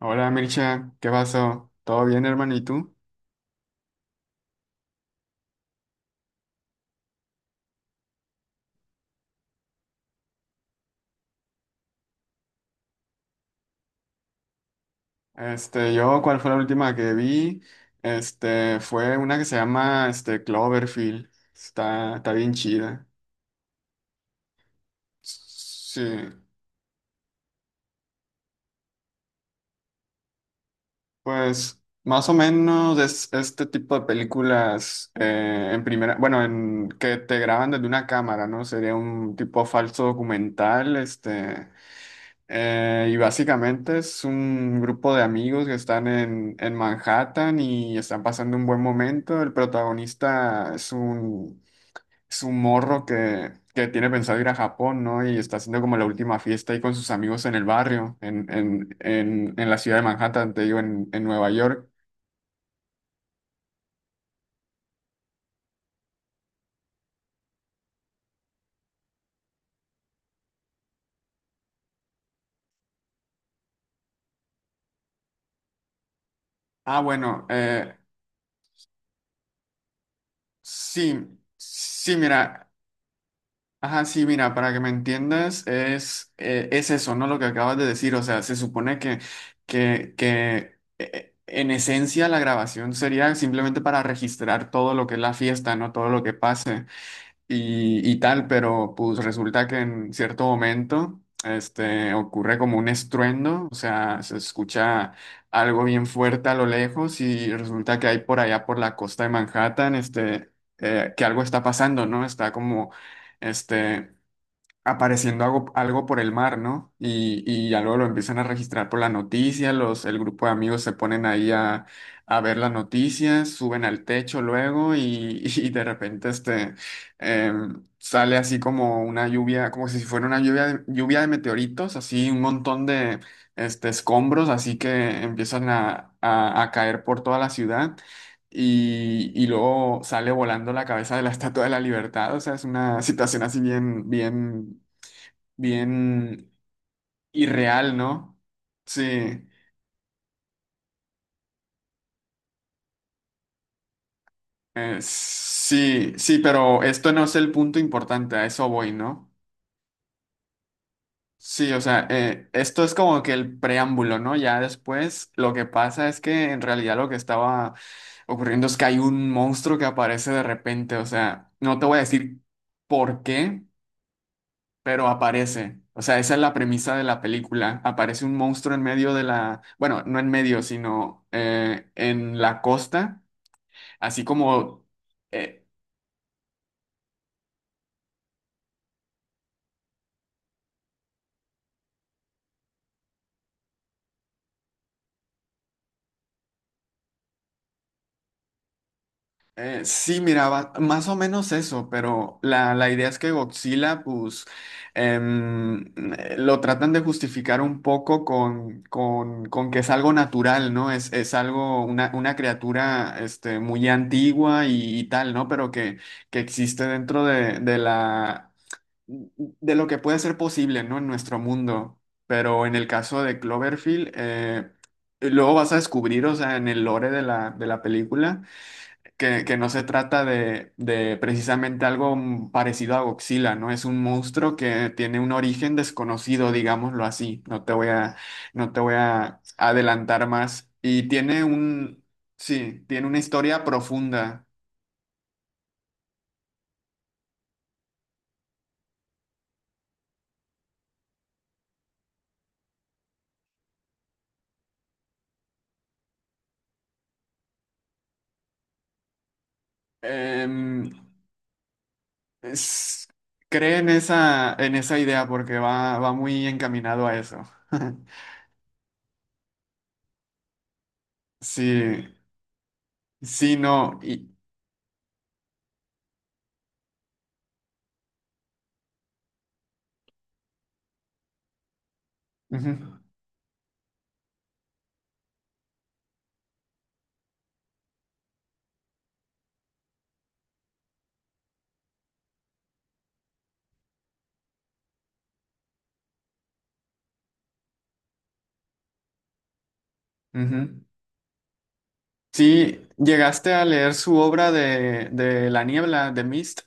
Hola Mircha, ¿qué pasó? ¿Todo bien, hermano? ¿Y tú? Yo, ¿cuál fue la última que vi? Fue una que se llama, Cloverfield. Está bien chida. Sí, pues, más o menos es este tipo de películas en primera, bueno, en que te graban desde una cámara, ¿no? Sería un tipo falso documental, Y básicamente es un grupo de amigos que están en Manhattan y están pasando un buen momento. El protagonista es es un morro que tiene pensado ir a Japón, ¿no? Y está haciendo como la última fiesta ahí con sus amigos en el barrio, en la ciudad de Manhattan, te digo, en Nueva York. Ah, bueno, sí, sí, mira. Ajá, sí, mira, para que me entiendas, es eso, ¿no? Lo que acabas de decir, o sea, se supone que en esencia la grabación sería simplemente para registrar todo lo que es la fiesta, ¿no? Todo lo que pase y tal, pero pues resulta que en cierto momento ocurre como un estruendo, o sea, se escucha algo bien fuerte a lo lejos y resulta que hay por allá por la costa de Manhattan, que algo está pasando, ¿no? Está como, este, apareciendo algo, algo por el mar, ¿no? Y ya luego lo empiezan a registrar por la noticia, el grupo de amigos se ponen ahí a ver las noticias, suben al techo luego y, y de repente sale así como una lluvia, como si fuera una lluvia lluvia de meteoritos, así un montón de escombros, así que empiezan a caer por toda la ciudad. Y luego sale volando la cabeza de la Estatua de la Libertad. O sea, es una situación así bien irreal, ¿no? Sí, sí, sí, pero esto no es el punto importante, a eso voy, ¿no? Sí, o sea, esto es como que el preámbulo, ¿no? Ya después lo que pasa es que en realidad lo que estaba ocurriendo es que hay un monstruo que aparece de repente, o sea, no te voy a decir por qué, pero aparece. O sea, esa es la premisa de la película. Aparece un monstruo en medio de la, bueno, no en medio, sino en la costa. Así como, eh, sí, miraba más o menos eso, pero la idea es que Godzilla, pues, em, lo tratan de justificar un poco con que es algo natural, ¿no? Es algo, una criatura, muy antigua y tal, ¿no? Pero que existe dentro de la... de lo que puede ser posible, ¿no? En nuestro mundo. Pero en el caso de Cloverfield, luego vas a descubrir, o sea, en el lore de la película, que no se trata de precisamente algo parecido a Godzilla, ¿no? Es un monstruo que tiene un origen desconocido, digámoslo así. No te voy a adelantar más. Y tiene un, sí, tiene una historia profunda. Em, Es- cree en esa idea porque va, va muy encaminado a eso. Sí, sí, no. Y, ujú, ujú. Sí, ¿llegaste a leer su obra de La niebla, de Mist?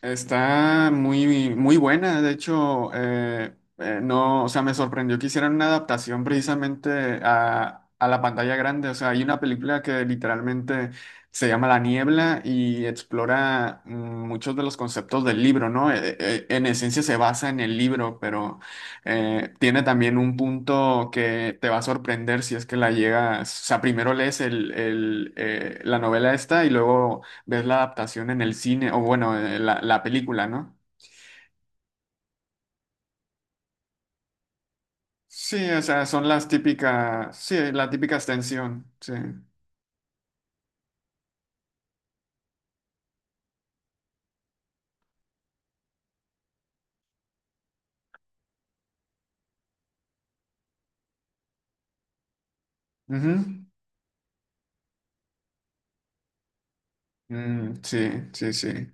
Está muy, muy buena, de hecho, no, o sea, me sorprendió que hicieran una adaptación precisamente a la pantalla grande, o sea, hay una película que literalmente se llama La Niebla y explora muchos de los conceptos del libro, ¿no? En esencia se basa en el libro, pero tiene también un punto que te va a sorprender si es que la llegas, o sea, primero lees la novela esta y luego ves la adaptación en el cine, o bueno, la, la película, ¿no? Sí, o sea, son las típicas, sí, la típica extensión, sí. Ujú. Sí, sí, sí.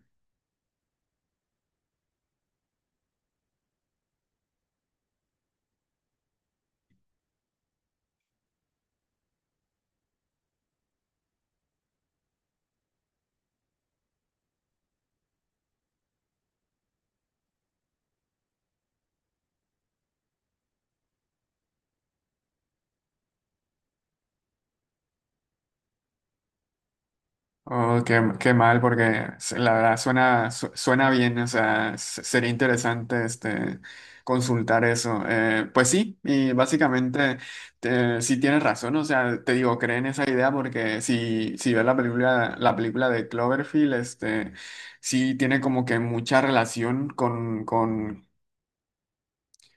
Oh, qué, qué mal, porque s- la verdad suena, su- suena bien, o sea, s- sería interesante consultar eso. Pues sí, y básicamente sí tienes razón, o sea, te digo, creen esa idea porque si, si ves la película de Cloverfield, sí tiene como que mucha relación con...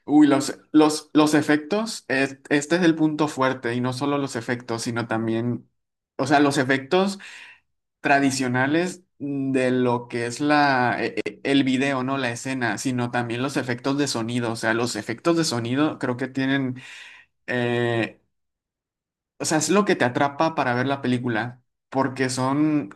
Uy, los efectos, es- este es el punto fuerte, y no solo los efectos, sino también, o sea, los efectos tradicionales de lo que es la, e- e- el video, ¿no? La escena, sino también los efectos de sonido. O sea, los efectos de sonido creo que tienen, eh, o sea, es lo que te atrapa para ver la película, porque son...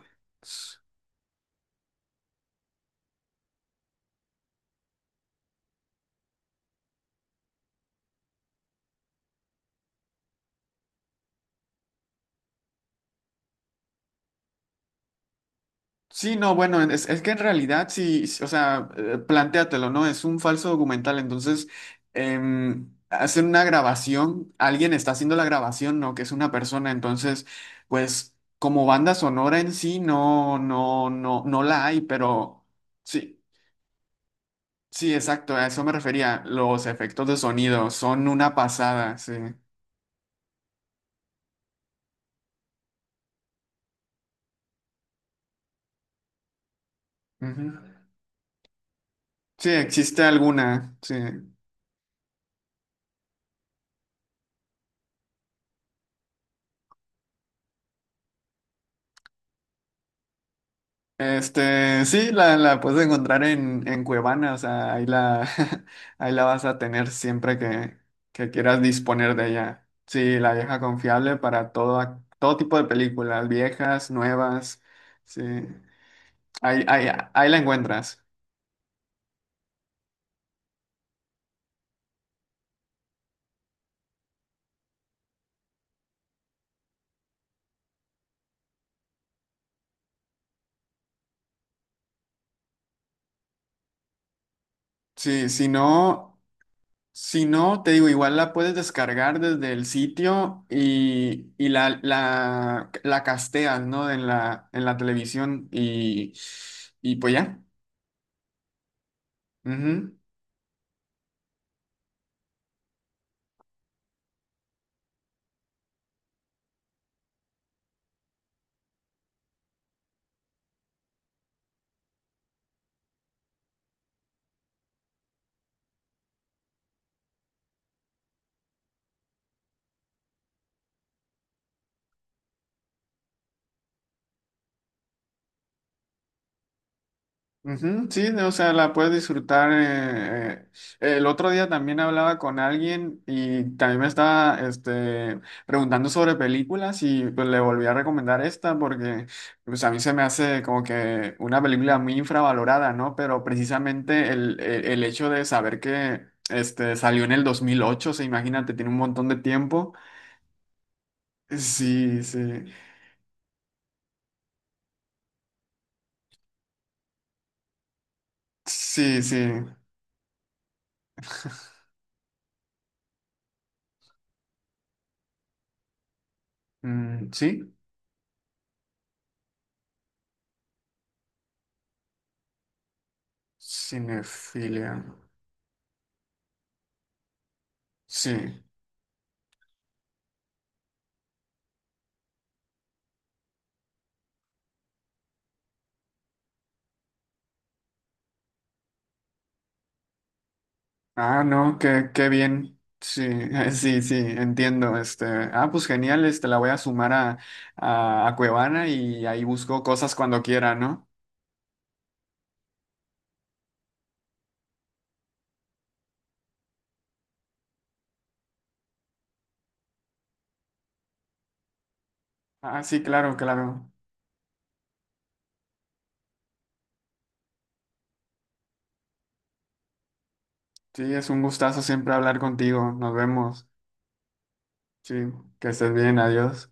Sí, no, bueno, es que en realidad sí, sí, o sea, plantéatelo, ¿no? Es un falso documental, entonces hacen una grabación, alguien está haciendo la grabación, ¿no? Que es una persona, entonces, pues como banda sonora en sí, no la hay, pero sí, sí, exacto, a eso me refería, los efectos de sonido son una pasada, sí. Ujú. Sí, existe alguna, sí. Sí, la puedes encontrar en Cuevana, o sea, ahí la, ahí la vas a tener siempre que quieras disponer de ella. Sí, la vieja confiable para todo, ac- todo tipo de películas, viejas, nuevas, sí, ahí, ahí, ahí la encuentras. Sí, si no, si no, te digo, igual la puedes descargar desde el sitio y la, la casteas, ¿no? En la televisión y pues ya. Ujú. Ujú, sí, o sea, la puedes disfrutar. El otro día también hablaba con alguien y también me estaba preguntando sobre películas y pues le volví a recomendar esta porque pues a mí se me hace como que una película muy infravalorada, ¿no? Pero precisamente el hecho de saber que salió en el 2008, o sea, imagínate, tiene un montón de tiempo. Sí, sí, sí, sí. Sí, cinefilia. Sí. Ah, no, qué, qué bien. Sí, sí, sí, entiendo. Ah, pues genial, la voy a sumar a Cuevana y ahí busco cosas cuando quiera, ¿no? Ah, sí, claro, claro. Sí, es un gustazo siempre hablar contigo. Nos vemos. Sí, que estés bien, adiós.